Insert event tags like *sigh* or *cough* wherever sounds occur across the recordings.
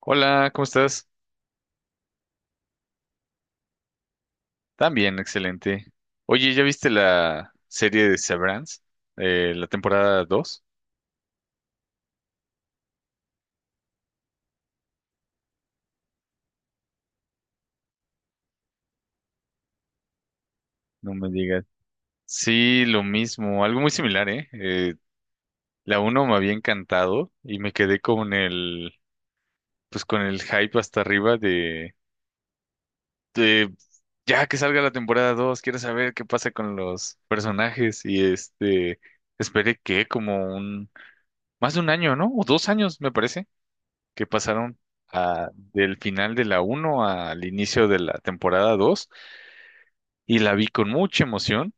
Hola, ¿cómo estás? También, excelente. Oye, ¿ya viste la serie de Severance? ¿La temporada 2? No me digas. Sí, lo mismo, algo muy similar, ¿eh? La uno me había encantado y me quedé con pues con el hype hasta arriba de ya que salga la temporada 2. Quiero saber qué pasa con los personajes y este, esperé que como más de un año, ¿no? O 2 años, me parece que pasaron del final de la uno al inicio de la temporada 2 y la vi con mucha emoción,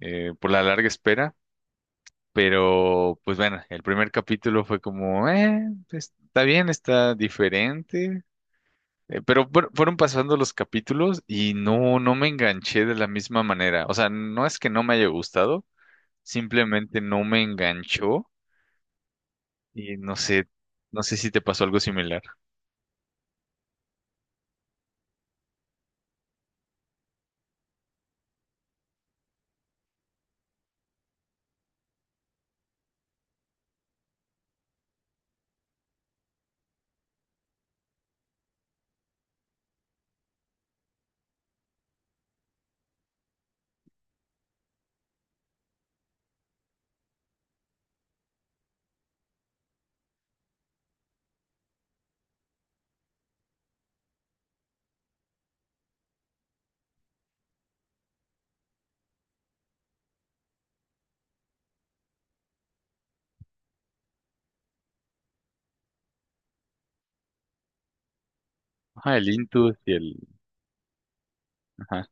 por la larga espera. Pero pues bueno, el primer capítulo fue como, pues, está bien, está diferente. Pero fueron pasando los capítulos y no, no me enganché de la misma manera. O sea, no es que no me haya gustado, simplemente no me enganchó. Y no sé, no sé si te pasó algo similar. Ajá, el Intus y el. Ajá.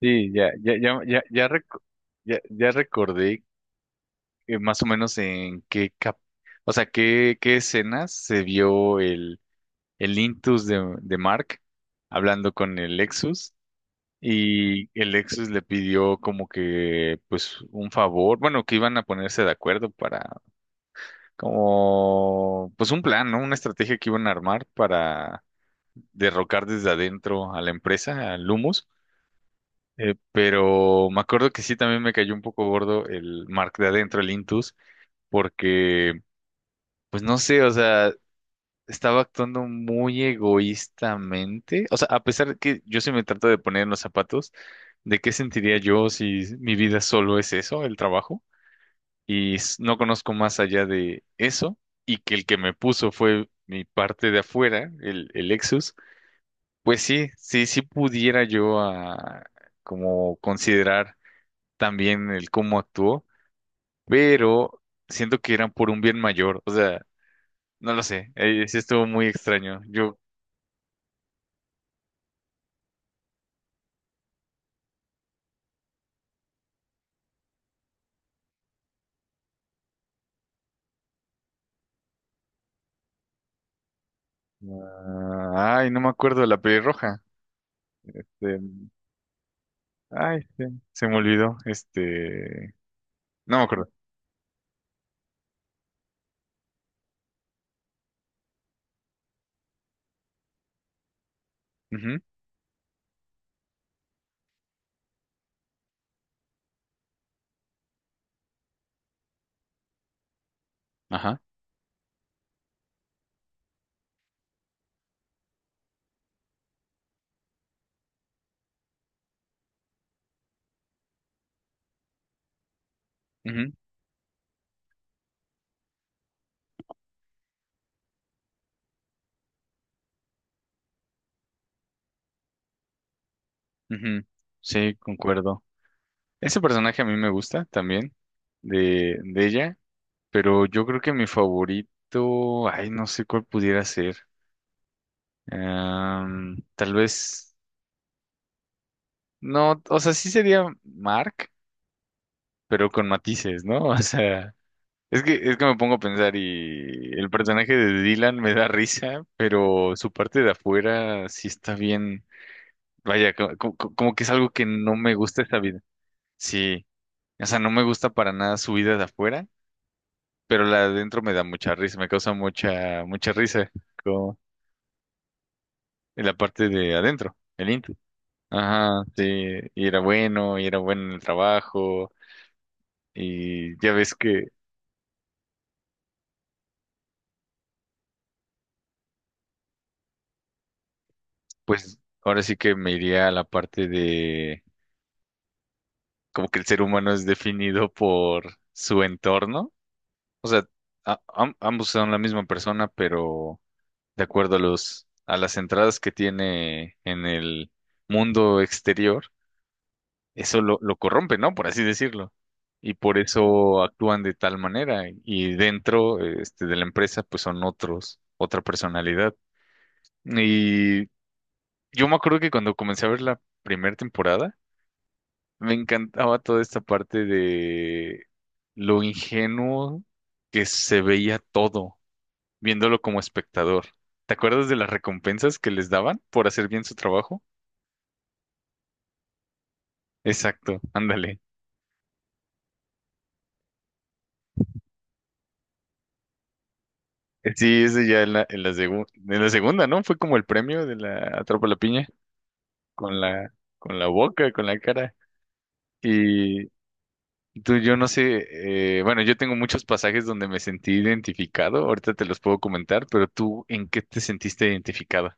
Sí, ya, ya, ya, ya, ya, ya recordé, más o menos en qué o sea, qué escenas se vio el Intus de Mark hablando con el Lexus y el Lexus le pidió como que, pues, un favor, bueno, que iban a ponerse de acuerdo para, como, pues, un plan, ¿no? Una estrategia que iban a armar para derrocar desde adentro a la empresa, al Lumus. Pero me acuerdo que sí también me cayó un poco gordo el Mark de adentro, el Intus. Porque, pues no sé, o sea, estaba actuando muy egoístamente. O sea, a pesar de que yo sí me trato de poner en los zapatos, ¿de qué sentiría yo si mi vida solo es eso, el trabajo? Y no conozco más allá de eso, y que el que me puso fue mi parte de afuera, el Lexus. Pues sí, sí, sí pudiera yo como considerar. También el cómo actuó, pero siento que eran por un bien mayor. O sea, no lo sé, sí estuvo muy extraño. Yo. Ah, ay, no me acuerdo de la pelirroja. de- Ay, se me olvidó, este, no me acuerdo. Ujú, ajá, ujú, ujú. Sí, concuerdo. Ese personaje a mí me gusta también, de ella, pero yo creo que mi favorito, ay, no sé cuál pudiera ser. Tal vez. No, o sea, sí sería Mark, pero con matices, ¿no? *laughs* O sea, es que me pongo a pensar y el personaje de Dylan me da risa, pero su parte de afuera sí está bien. Vaya, como, que es algo que no me gusta esta vida. Sí, o sea, no me gusta para nada su vida de afuera, pero la de adentro me da mucha risa, me causa mucha, mucha risa como en la parte de adentro, el íntimo. Ajá, sí, y era bueno en el trabajo. Y ya ves que. Pues ahora sí que me iría a la parte de como que el ser humano es definido por su entorno. O sea, ambos son la misma persona, pero de acuerdo a las entradas que tiene en el mundo exterior, eso lo corrompe, ¿no? Por así decirlo. Y por eso actúan de tal manera. Y dentro, este, de la empresa, pues son otra personalidad. Y yo me acuerdo que cuando comencé a ver la primera temporada, me encantaba toda esta parte de lo ingenuo que se veía todo, viéndolo como espectador. ¿Te acuerdas de las recompensas que les daban por hacer bien su trabajo? Exacto, ándale. Sí, ese ya en la segunda, ¿no? Fue como el premio de la Atrapa la Piña, con la, con la boca, con la cara. Y tú, yo no sé, bueno, yo tengo muchos pasajes donde me sentí identificado, ahorita te los puedo comentar. Pero tú, ¿en qué te sentiste identificado?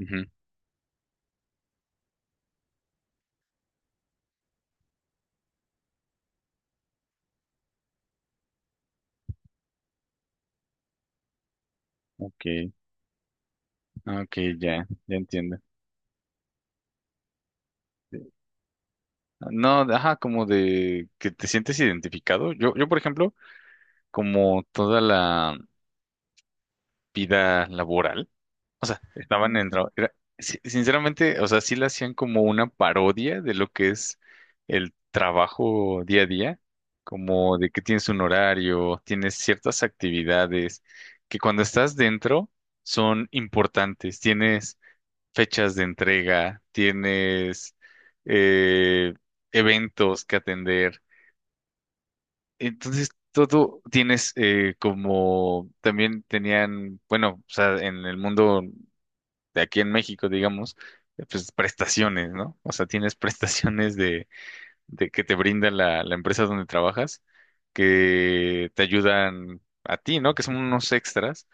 Ujú. Ok, ah, ok, ya, ya entiendo. No, ajá, como de que te sientes identificado. Yo, por ejemplo, como toda la vida laboral, o sea, estaban en tra- era- si- sinceramente, o sea, sí le hacían como una parodia de lo que es el trabajo día a día, como de que tienes un horario, tienes ciertas actividades que cuando estás dentro son importantes, tienes fechas de entrega, tienes eh, eventos que atender. Entonces, todo tienes como también tenían, bueno, o sea, en el mundo de aquí en México, digamos, pues prestaciones, ¿no? O sea, tienes *laughs* prestaciones de que te brinda la empresa donde trabajas, que te ayudan a ti, ¿no? Que son unos extras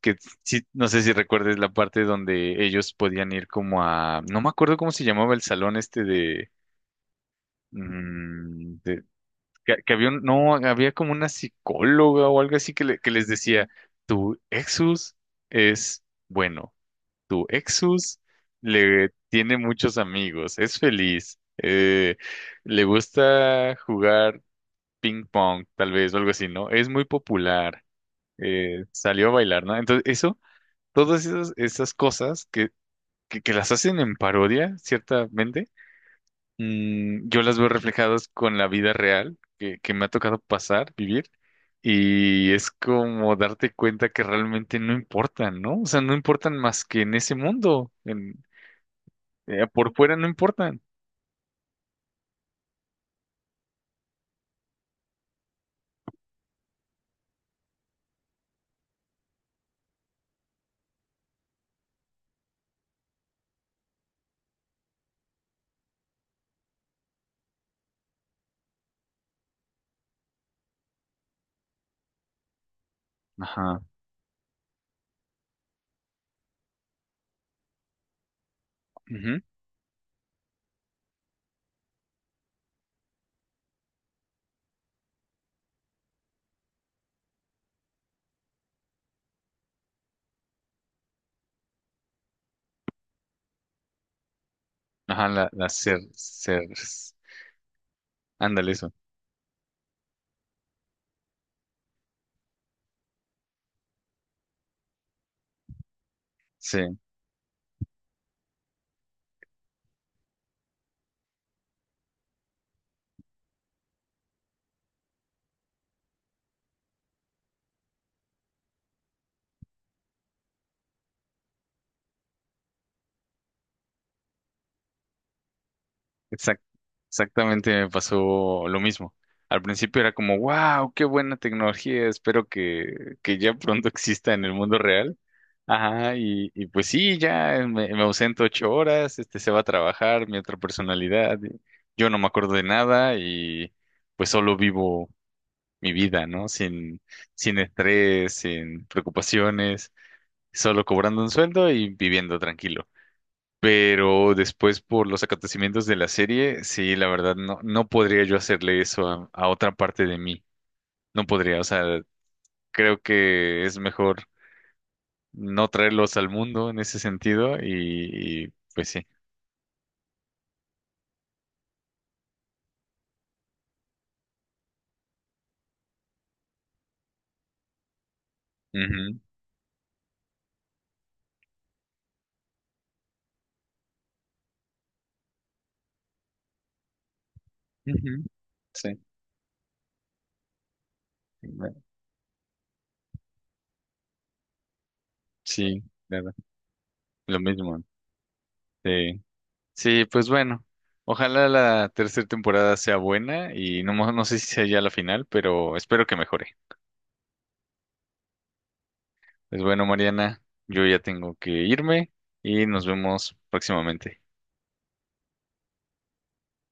que sí, no sé si recuerdes la parte donde ellos podían ir como no me acuerdo cómo se llamaba el salón este mm, de- que había no, había como una psicóloga o algo así que, que les decía, tu Exus es bueno, tu Exus le tiene muchos amigos, es feliz, le gusta jugar ping pong, tal vez, o algo así, ¿no? Es muy popular, salió a bailar, ¿no? Entonces, eso, todas esas cosas que las hacen en parodia, ciertamente, yo las veo reflejadas con la vida real que me ha tocado pasar, vivir, y es como darte cuenta que realmente no importan, ¿no? O sea, no importan más que en ese mundo, por fuera no importan. Ajá, ujú, ajá, ándale eso, sí. Exact- Exactamente me pasó lo mismo. Al principio era como, wow, qué buena tecnología, espero que ya pronto exista en el mundo real. Ajá, y pues sí, ya me ausento 8 horas, este se va a trabajar, mi otra personalidad, y yo no me acuerdo de nada y pues solo vivo mi vida, ¿no? Sin estrés, sin preocupaciones, solo cobrando un sueldo y viviendo tranquilo. Pero después por los acontecimientos de la serie, sí, la verdad, no, no podría yo hacerle eso a otra parte de mí. No podría, o sea, creo que es mejor no traerlos al mundo en ese sentido pues sí. Ujú, ujú. Sí, bueno, sí, claro, lo mismo. Sí, sí, pues bueno, ojalá la tercera temporada sea buena y no, no sé si sea ya la final, pero espero que mejore. Pues bueno, Mariana, yo ya tengo que irme y nos vemos próximamente.